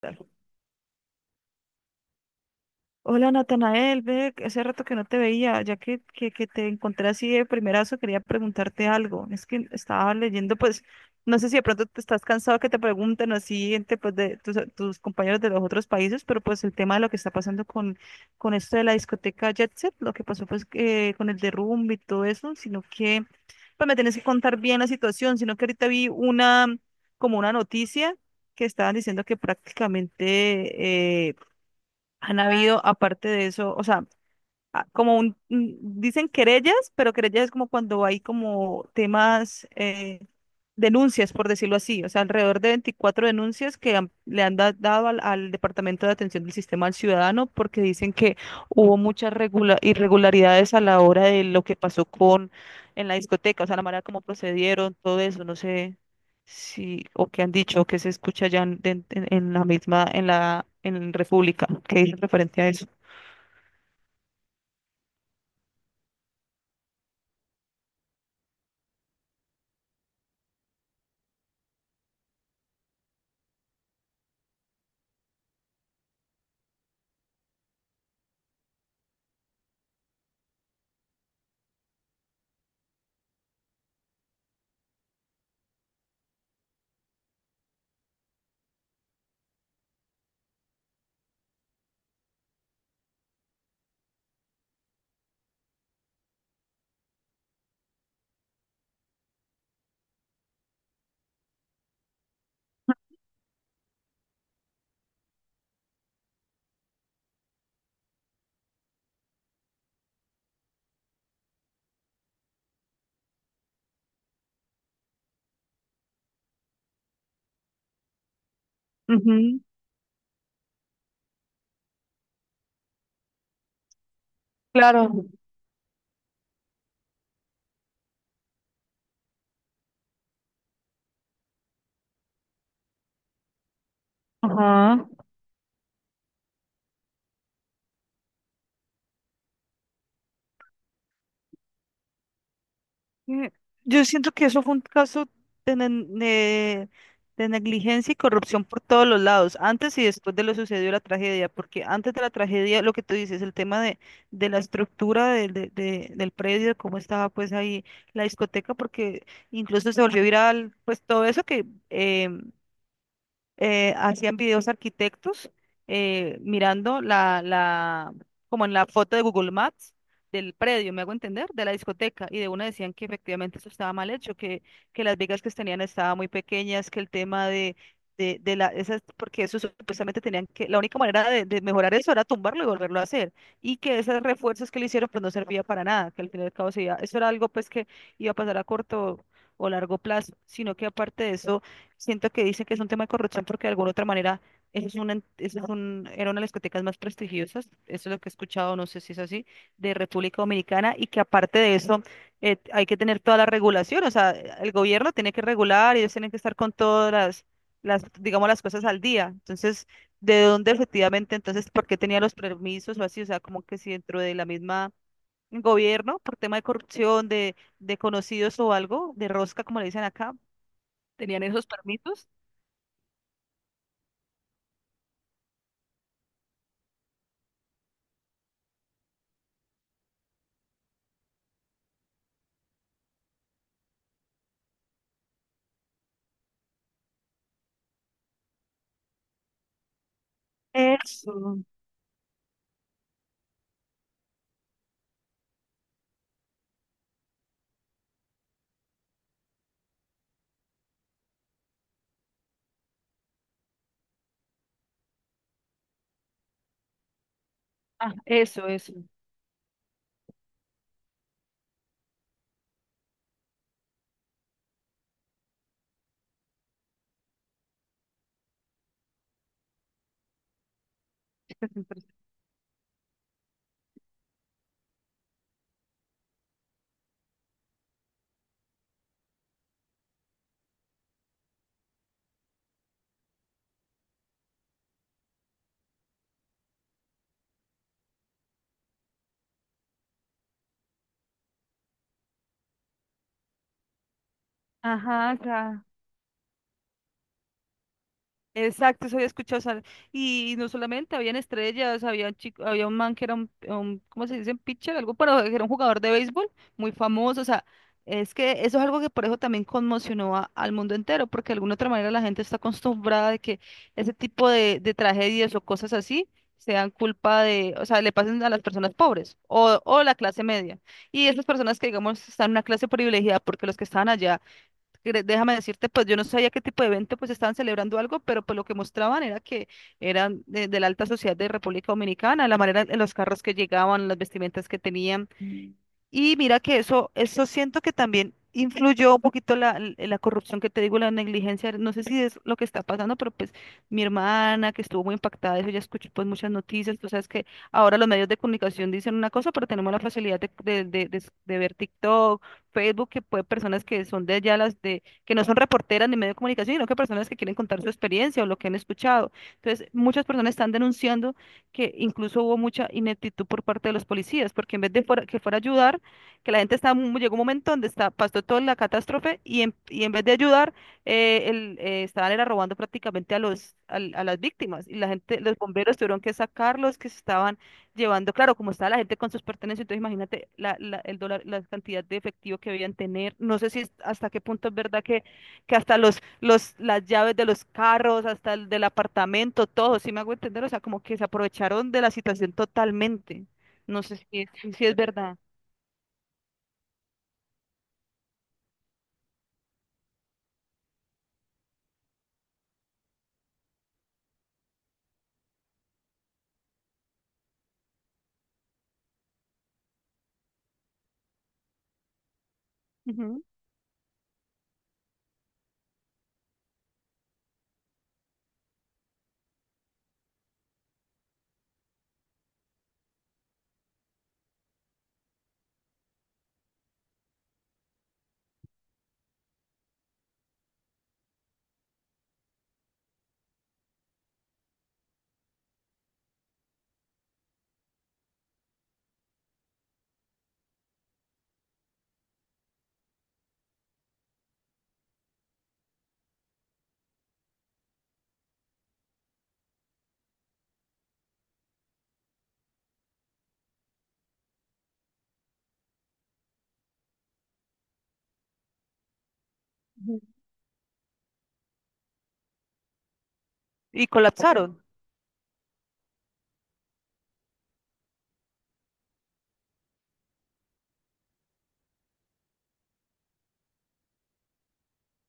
Tal? Hola Natanael, ve, hace rato que no te veía, ya que te encontré así de primerazo, quería preguntarte algo. Es que estaba leyendo, pues, no sé si de pronto te estás cansado que te pregunten así entre pues, de tus compañeros de los otros países, pero pues el tema de lo que está pasando con esto de la discoteca Jet Set, lo que pasó pues que con el derrumbe y todo eso, sino que pues me tienes que contar bien la situación, sino que ahorita vi una, como una noticia que estaban diciendo que prácticamente, han habido, aparte de eso, o sea, ah, como dicen querellas, pero querellas es como cuando hay como temas, denuncias, por decirlo así, o sea, alrededor de 24 denuncias dado al Departamento de Atención del Sistema al Ciudadano porque dicen que hubo muchas irregularidades a la hora de lo que pasó con en la discoteca, o sea, la manera como procedieron, todo eso, no sé si, o qué han dicho, o qué se escucha ya en, en la misma, en la, en República, que dice referente a eso. Ujú. Claro. Ajá. Eh, yo siento que eso fue un caso de, ne- de- de negligencia y corrupción por todos los lados, antes y después de lo sucedido la tragedia, porque antes de la tragedia, lo que tú dices, el tema de la estructura del predio, de cómo estaba pues ahí la discoteca, porque incluso se volvió viral, pues todo eso que hacían videos arquitectos, mirando como en la foto de Google Maps del predio, me hago entender, de la discoteca, y de una decían que efectivamente eso estaba mal hecho, que, las vigas que tenían estaban muy pequeñas, que el tema de, la, esas, porque eso supuestamente tenían que, la única manera de mejorar eso era tumbarlo y volverlo a hacer, y que esos refuerzos que le hicieron pues no servía para nada, que al fin y al cabo eso era algo pues que iba a pasar a corto o largo plazo, sino que aparte de eso. Siento que dicen que es un tema de corrupción porque de alguna otra manera eso es una, eso es un, era una de las discotecas más prestigiosas, eso es lo que he escuchado, no sé si es así, de República Dominicana y que aparte de eso, hay que tener toda la regulación, o sea, el gobierno tiene que regular y ellos tienen que estar con todas las, digamos, las cosas al día. Entonces, ¿de dónde efectivamente, entonces, por qué tenía los permisos o así? O sea, como que si dentro de la misma gobierno, por tema de corrupción, de conocidos o algo, de rosca, como le dicen acá, tenían esos permisos. Eso, ah, eso, eso. impres- Ajá, acá. Exacto, eso había escuchado. O sea, y no solamente habían estrellas, había un chico, había un man que era ¿cómo se dice? Un Pitcher, algo, pero era un jugador de béisbol muy famoso. O sea, es que eso es algo que por eso también conmocionó al mundo entero, porque de alguna otra manera la gente está acostumbrada de que ese tipo de tragedias o cosas así sean culpa de, o sea, le pasen a las personas pobres o la clase media. Y esas personas que, digamos, están en una clase privilegiada, porque los que estaban allá déjame decirte, pues yo no sabía qué tipo de evento pues estaban celebrando algo, pero pues lo que mostraban era que eran de la alta sociedad de República Dominicana, la manera en los carros que llegaban, las vestimentas que tenían. Mm. Y mira que eso siento que también influyó un poquito la, la corrupción que te digo, la negligencia, no sé si es lo que está pasando, pero pues mi hermana que estuvo muy impactada de eso, ya escuchó pues muchas noticias, tú sabes que ahora los medios de comunicación dicen una cosa, pero tenemos la facilidad de ver TikTok, Facebook, que puede personas que son de allá, las de, que no son reporteras ni medio de comunicación, sino que personas que quieren contar su experiencia o lo que han escuchado. Entonces, muchas personas están denunciando que incluso hubo mucha ineptitud por parte de los policías, porque en vez que fuera a ayudar, que la gente llegó un momento donde está, pasó toda la catástrofe y y en vez de ayudar, estaban era robando prácticamente a a las víctimas y la gente, los bomberos tuvieron que sacarlos que se estaban llevando, claro, como estaba la gente con sus pertenencias, entonces imagínate el dólar, la cantidad de efectivo que debían tener. No sé si hasta qué punto es verdad que, hasta las llaves de los carros, hasta el del apartamento, todo, si me hago entender, o sea, como que se aprovecharon de la situación totalmente. No sé si, si es verdad. Ujú. Y colapsaron.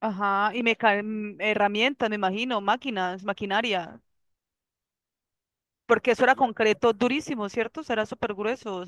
Ajá, y me caen herramientas, me imagino, máquinas, maquinaria, porque eso era concreto durísimo, ¿cierto? Eso era súper grueso.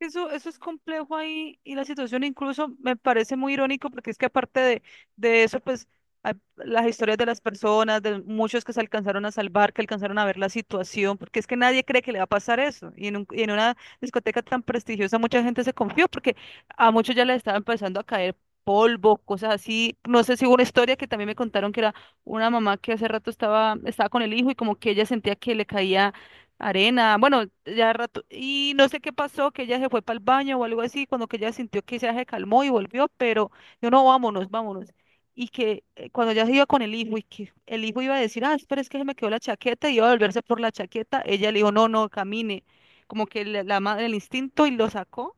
Eso es complejo ahí y la situación incluso me parece muy irónico porque es que aparte de eso, pues hay las historias de las personas, de muchos que se alcanzaron a salvar, que alcanzaron a ver la situación, porque es que nadie cree que le va a pasar eso. Y en una discoteca tan prestigiosa mucha gente se confió porque a muchos ya les estaba empezando a caer polvo, cosas así. No sé si hubo una historia que también me contaron que era una mamá que hace rato estaba con el hijo y como que ella sentía que le caía arena, bueno, ya rato, y no sé qué pasó, que ella se fue para el baño o algo así, cuando que ella sintió que ya se calmó y volvió, pero yo no, vámonos, vámonos. Y que cuando ya se iba con el hijo y que el hijo iba a decir, ah, espera, es que se me quedó la chaqueta y iba a volverse por la chaqueta, ella le dijo, no, no, camine, como que la madre, el instinto y lo sacó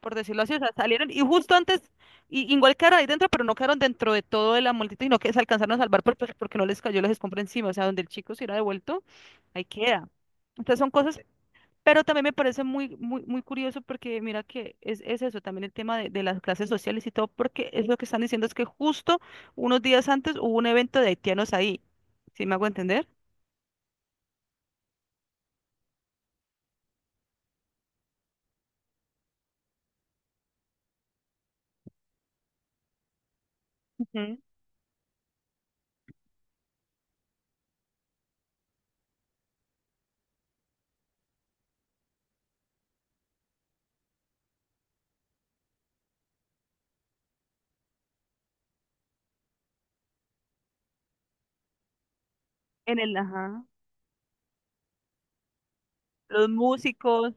por decirlo así, o sea, salieron y justo antes, y, igual quedaron ahí dentro, pero no quedaron dentro de todo de la multitud, sino que se alcanzaron a salvar porque no les cayó la escombros encima, o sea, donde el chico se hubiera devuelto, ahí queda. Entonces son cosas, pero también me parece muy, muy, muy curioso porque mira que es eso, también el tema de las clases sociales y todo, porque es lo que están diciendo es que justo unos días antes hubo un evento de haitianos ahí, ¿sí me hago entender? Ujú. En el, ajá, los músicos.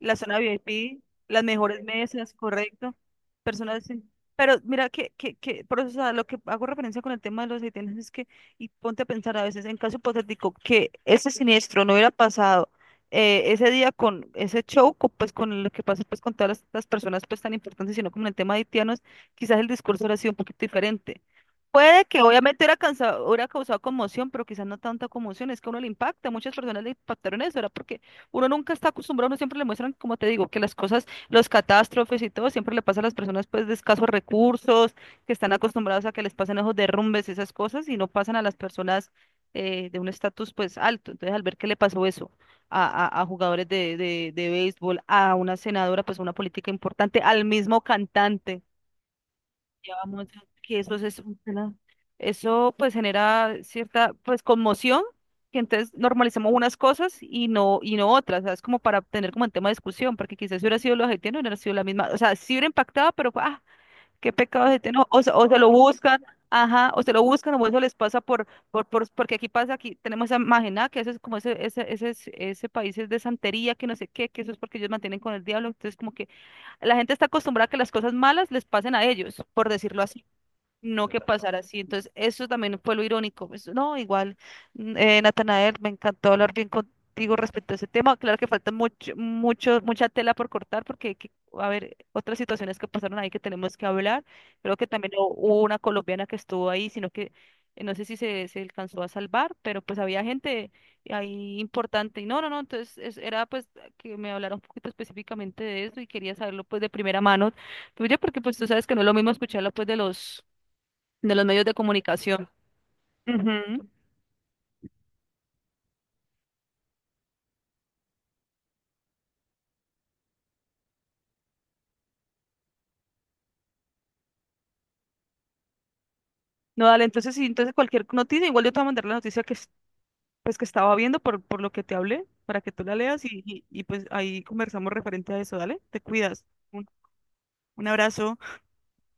La zona VIP, las mejores mesas, correcto. Personas, pero mira que por eso, o sea, lo que hago referencia con el tema de los haitianos es que, y ponte a pensar a veces, en caso hipotético, que ese siniestro no hubiera pasado, ese día con ese show, pues con lo que pasa pues con todas las personas pues tan importantes, sino como en el tema de haitianos, quizás el discurso hubiera sido un poquito diferente. Puede que obviamente hubiera causado conmoción, pero quizás no tanta conmoción, es que a uno le impacta, muchas personas le impactaron eso, era porque uno nunca está acostumbrado, uno siempre le muestran, como te digo, que las cosas, los catástrofes y todo, siempre le pasa a las personas pues de escasos recursos, que están acostumbrados a que les pasen esos derrumbes, esas cosas, y no pasan a las personas, de un estatus pues alto. Entonces, al ver que le pasó eso a, a jugadores de béisbol, a una senadora, pues una política importante, al mismo cantante llevamos que eso eso pues genera cierta pues conmoción que entonces normalizamos unas cosas y no otras, ¿sabes? Como para tener como el tema de discusión, porque quizás si hubiera sido los haitianos, no hubiera sido la misma, o sea, sí hubiera impactado, pero ah, ¿qué pecados de no, o, o se lo buscan, ajá, o se lo buscan, o eso les pasa porque aquí pasa, aquí tenemos a Magená, que eso es como ese país es de santería, que no sé qué, que eso es porque ellos mantienen con el diablo, entonces como que la gente está acostumbrada a que las cosas malas les pasen a ellos, por decirlo así. No que pasara así. Entonces, eso también fue lo irónico. Pues, no, igual, Natanael, me encantó hablar bien contigo respecto a ese tema. Claro que falta mucho, mucho, mucha tela por cortar porque hay que, a ver, otras situaciones que pasaron ahí que tenemos que hablar. Creo que también hubo una colombiana que estuvo ahí, sino que no sé si se alcanzó a salvar, pero pues había gente ahí importante. Y no, no, no, entonces era pues que me hablara un poquito específicamente de eso y quería saberlo pues de primera mano tuya porque pues tú sabes que no es lo mismo escucharlo pues de los medios de comunicación. Ujú. No, dale, entonces sí, entonces cualquier noticia, igual yo te voy a mandar la noticia que, pues, que estaba viendo por lo que te hablé, para que tú la leas y, pues ahí conversamos referente a eso, dale, te cuidas. un un abrazo.